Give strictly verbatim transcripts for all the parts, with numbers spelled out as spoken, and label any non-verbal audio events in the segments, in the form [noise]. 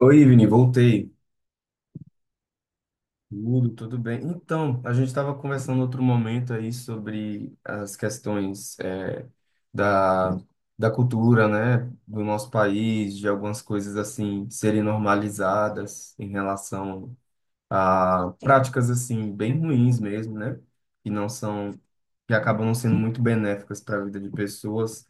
Oi, Vini, voltei. Tudo, tudo bem. Então, a gente estava conversando outro momento aí sobre as questões é, da, da cultura, né, do nosso país, de algumas coisas assim serem normalizadas em relação a práticas assim bem ruins mesmo, né, que não são, que acabam não sendo muito benéficas para a vida de pessoas.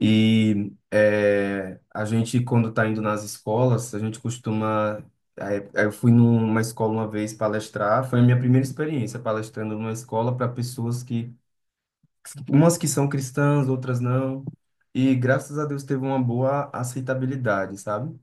E é, a gente, quando está indo nas escolas, a gente costuma. Aí- aí Eu fui numa escola uma vez palestrar, foi a minha primeira experiência palestrando numa escola para pessoas que, umas que são cristãs, outras não, e graças a Deus teve uma boa aceitabilidade, sabe?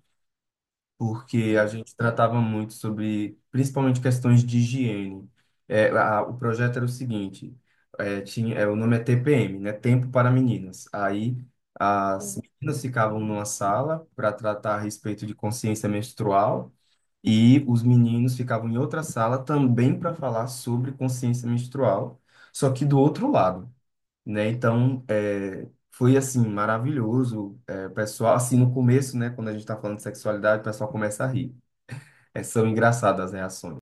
Porque a gente tratava muito sobre, principalmente, questões de higiene. É, a- o projeto era o seguinte, é, tinha, é, o nome é T P M, né? Tempo para Meninas. Aí as meninas ficavam numa sala para tratar a respeito de consciência menstrual e os meninos ficavam em outra sala também para falar sobre consciência menstrual, só que do outro lado, né? Então, é, foi assim, maravilhoso. É, o pessoal, assim, no começo, né, quando a gente tá falando de sexualidade, o pessoal começa a rir. É, são engraçadas as reações.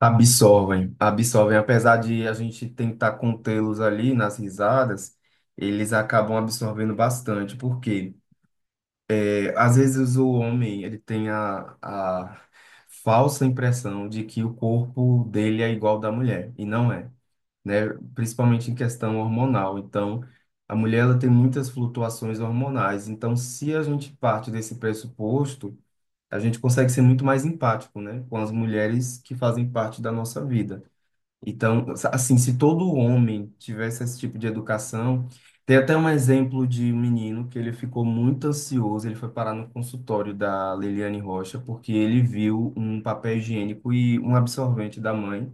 Absorvem, absorvem. Apesar de a gente tentar contê-los ali nas risadas, eles acabam absorvendo bastante, porque é, às vezes o homem, ele tem a, a falsa impressão de que o corpo dele é igual ao da mulher, e não é, né? Principalmente em questão hormonal. Então, a mulher ela tem muitas flutuações hormonais. Então, se a gente parte desse pressuposto, a gente consegue ser muito mais empático, né? Com as mulheres que fazem parte da nossa vida. Então, assim, se todo homem tivesse esse tipo de educação, tem até um exemplo de um menino que ele ficou muito ansioso, ele foi parar no consultório da Liliane Rocha porque ele viu um papel higiênico e um absorvente da mãe,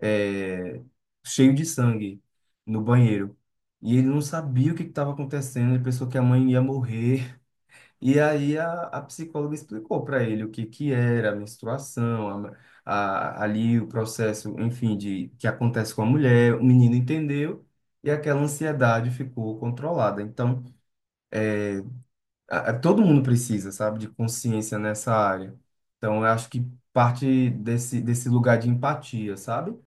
é, cheio de sangue no banheiro. E ele não sabia o que estava acontecendo, ele pensou que a mãe ia morrer. [laughs] E aí a, a psicóloga explicou para ele o que, que era a menstruação, a, a- ali o processo, enfim, de que acontece com a mulher. O menino entendeu e aquela ansiedade ficou controlada. Então, a- a- todo mundo precisa, sabe, de consciência nessa área. Então, eu acho que parte desse, desse lugar de empatia, sabe?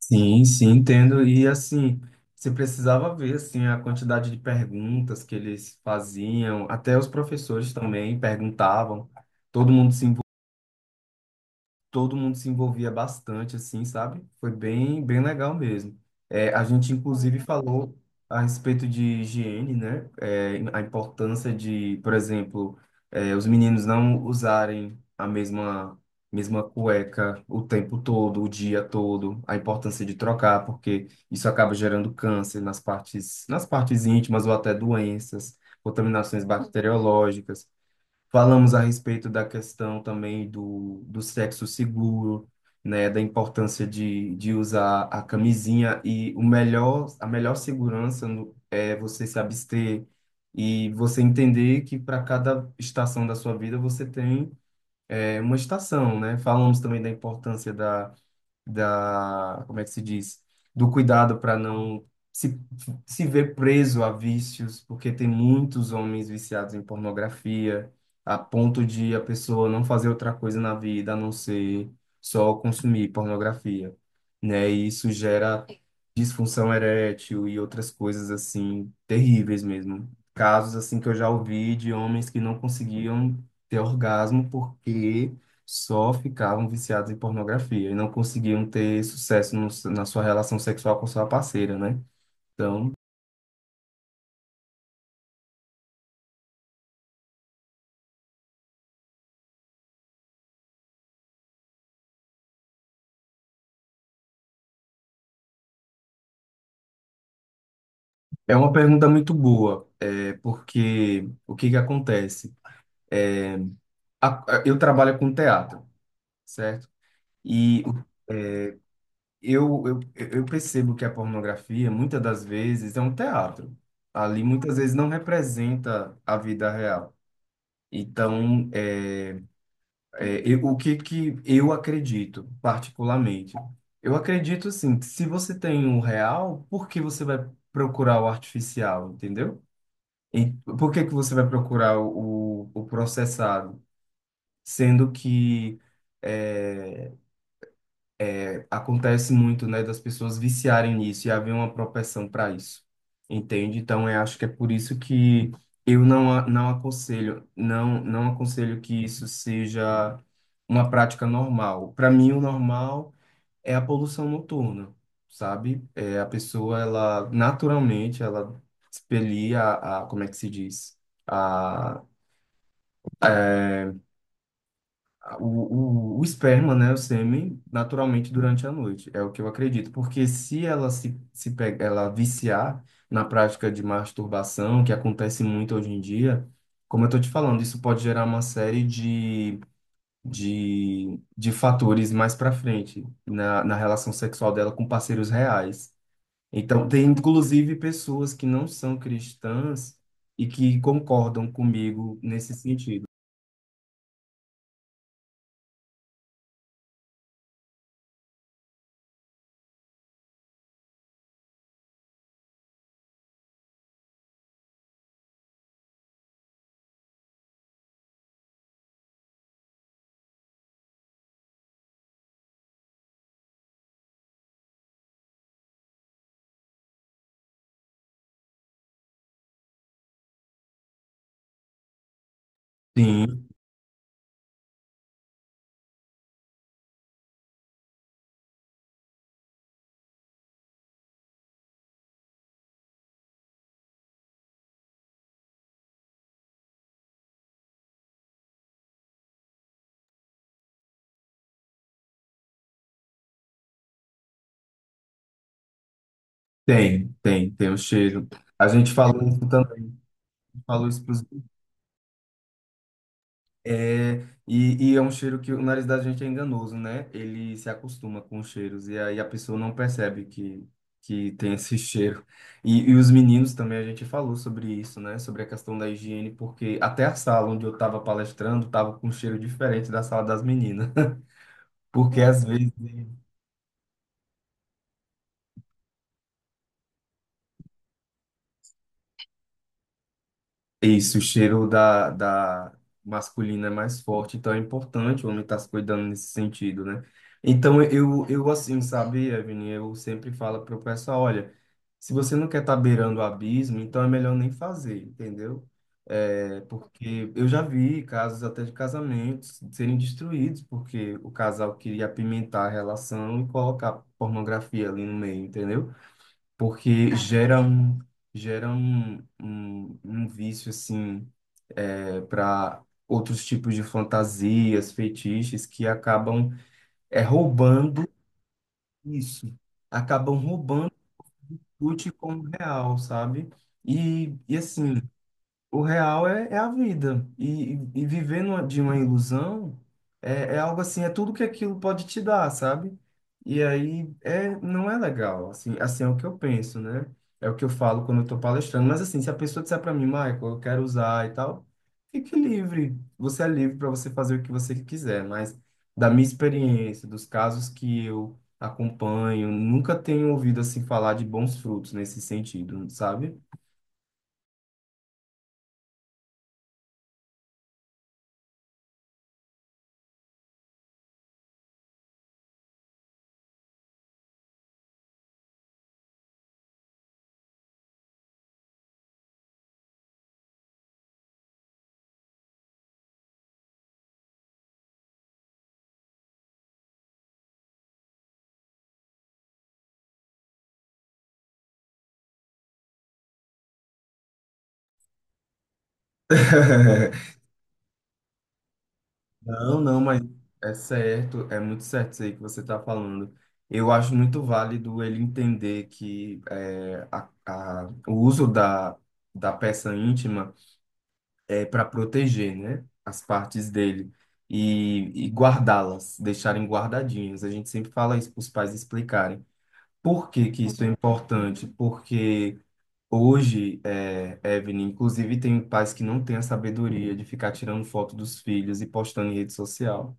Sim, sim, entendo. E assim, você precisava ver assim a quantidade de perguntas que eles faziam, até os professores também perguntavam. Todo mundo se Todo mundo se envolvia bastante, assim, sabe? Foi bem, bem legal mesmo. É, a gente, inclusive, falou a respeito de higiene, né? É, a importância de, por exemplo, é, os meninos não usarem a mesma, mesma cueca o tempo todo, o dia todo, a importância de trocar, porque isso acaba gerando câncer nas partes, nas partes íntimas ou até doenças, contaminações bacteriológicas. Falamos a respeito da questão também do, do sexo seguro, né, da importância de, de usar a camisinha e o melhor, a melhor segurança no- é você se abster e você entender que para cada estação da sua vida você tem é, uma estação, né? Falamos também da importância da, como é que se diz? Do cuidado para não se, se ver preso a vícios, porque tem muitos homens viciados em pornografia, a ponto de a pessoa não fazer outra coisa na vida a não ser só consumir pornografia, né? E isso gera disfunção erétil e outras coisas assim terríveis mesmo. Casos assim que eu já ouvi de homens que não conseguiam ter orgasmo porque só ficavam viciados em pornografia e não conseguiam ter sucesso no- na sua relação sexual com sua parceira, né? Então, é uma pergunta muito boa, é, porque o que que acontece? É, a- a- eu trabalho com teatro, certo? E o- eu, eu, eu percebo que a pornografia, muitas das vezes, é um teatro. Ali, muitas vezes, não representa a vida real. Então, é, É, eu- o que que eu acredito, particularmente? Eu acredito, assim, que se você tem o real, por que você vai procurar o artificial, entendeu? E por que que você vai procurar o, o processado? Sendo que é, acontece muito, né, das pessoas viciarem nisso e haver uma propensão para isso, entende? Então, eu acho que é por isso que eu não, a- não aconselho, não, não aconselho que isso seja uma prática normal. Para mim, o normal é a poluição noturna, sabe? É a pessoa, ela naturalmente, ela expelia a, a- como é que se diz? o, o, o esperma, né, o sêmen, naturalmente durante a noite. É o que eu acredito. Porque se ela se, se pega, ela viciar na prática de masturbação, que acontece muito hoje em dia, como eu tô te falando, isso pode gerar uma série de, de, de fatores mais para frente na, na relação sexual dela com parceiros reais. Então, tem inclusive pessoas que não são cristãs e que concordam comigo nesse sentido. Sim. Tem, tem, tem o cheiro. A gente falou isso também, falou isso pros... É, e, e é um cheiro que o nariz da gente é enganoso, né? Ele se acostuma com os cheiros e aí a pessoa não percebe que, que tem esse [laughs] cheiro. E, e os meninos também, a gente falou sobre isso, né? Sobre a questão da higiene, porque até a sala onde eu estava palestrando estava com um cheiro diferente da sala das meninas. [laughs] Porque às vezes isso, o cheiro da, da masculina é mais forte, então é importante o homem estar se cuidando nesse sentido, né? Então eu, eu assim, sabe, Evelyn, eu sempre falo para o pessoal, olha, se você não quer estar beirando o abismo, então é melhor nem fazer, entendeu? É, porque eu já vi casos até de casamentos serem destruídos porque o casal queria apimentar a relação e colocar pornografia ali no meio, entendeu? Porque gera um, gera um, um, um vício assim para outros tipos de fantasias, feitiços que acabam é, roubando isso, acabam roubando o lute como real, sabe? E, e assim, o real é, é a vida. E, e e viver numa- de uma ilusão é, é algo assim, é tudo que aquilo pode te dar, sabe? E aí é, não é legal. Assim, assim é o que eu penso, né? É o que eu falo quando eu tô palestrando. Mas assim, se a pessoa disser para mim, Michael, eu quero usar e tal, fique livre. Você é livre para você fazer o que você quiser. Mas da minha experiência, dos casos que eu acompanho, nunca tenho ouvido assim falar de bons frutos nesse sentido, sabe? [laughs] Não, não, mas é certo, é muito certo isso aí que você está falando. Eu acho muito válido ele entender que é, a, a, o uso da, da peça íntima é para proteger, né, as partes dele e, e guardá-las, deixarem guardadinhas. A gente sempre fala isso para os pais explicarem. Por que que isso é importante? Porque hoje, é, Evelyn, inclusive tem pais que não têm a sabedoria de ficar tirando foto dos filhos e postando em rede social.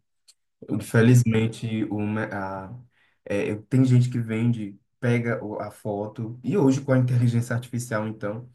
Infelizmente, uma, a, é, eu- tem gente que vende, pega o- a foto, e hoje com a inteligência artificial, então,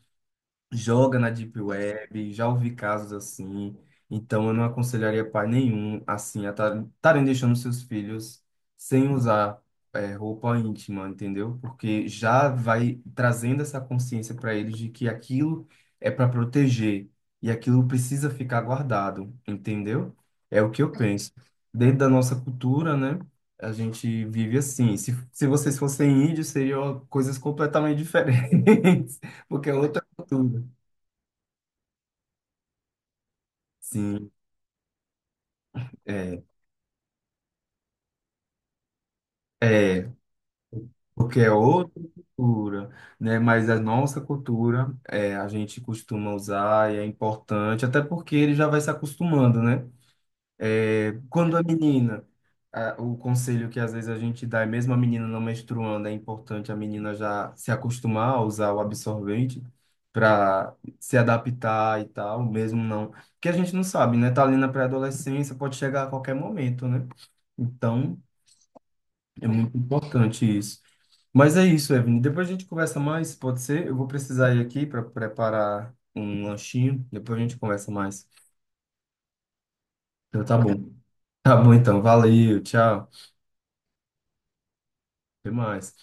joga na Deep Web, já ouvi casos assim. Então, eu não aconselharia pai nenhum, assim, a tar- estarem deixando seus filhos sem usar é, roupa íntima, entendeu? Porque já vai trazendo essa consciência para eles de que aquilo é para proteger e aquilo precisa ficar guardado, entendeu? É o que eu penso. Dentro da nossa cultura, né? A gente vive assim. Se, se vocês fossem índios, seriam coisas completamente diferentes, [laughs] porque é outra cultura. Sim, é, é, porque é outra cultura, né? Mas a nossa cultura, é, a gente costuma usar e é importante, até porque ele já vai se acostumando, né? É, quando a menina, a- o conselho que às vezes a gente dá, é mesmo a menina não menstruando, é importante a menina já se acostumar a usar o absorvente para se adaptar e tal, mesmo não, porque a gente não sabe, né? Tá ali na pré-adolescência, pode chegar a qualquer momento, né? Então é muito importante isso. Mas é isso, Evelyn. Depois a gente conversa mais, pode ser? Eu vou precisar ir aqui para preparar um lanchinho. Depois a gente conversa mais. Então tá bom. Tá bom então. Valeu, tchau. Até mais.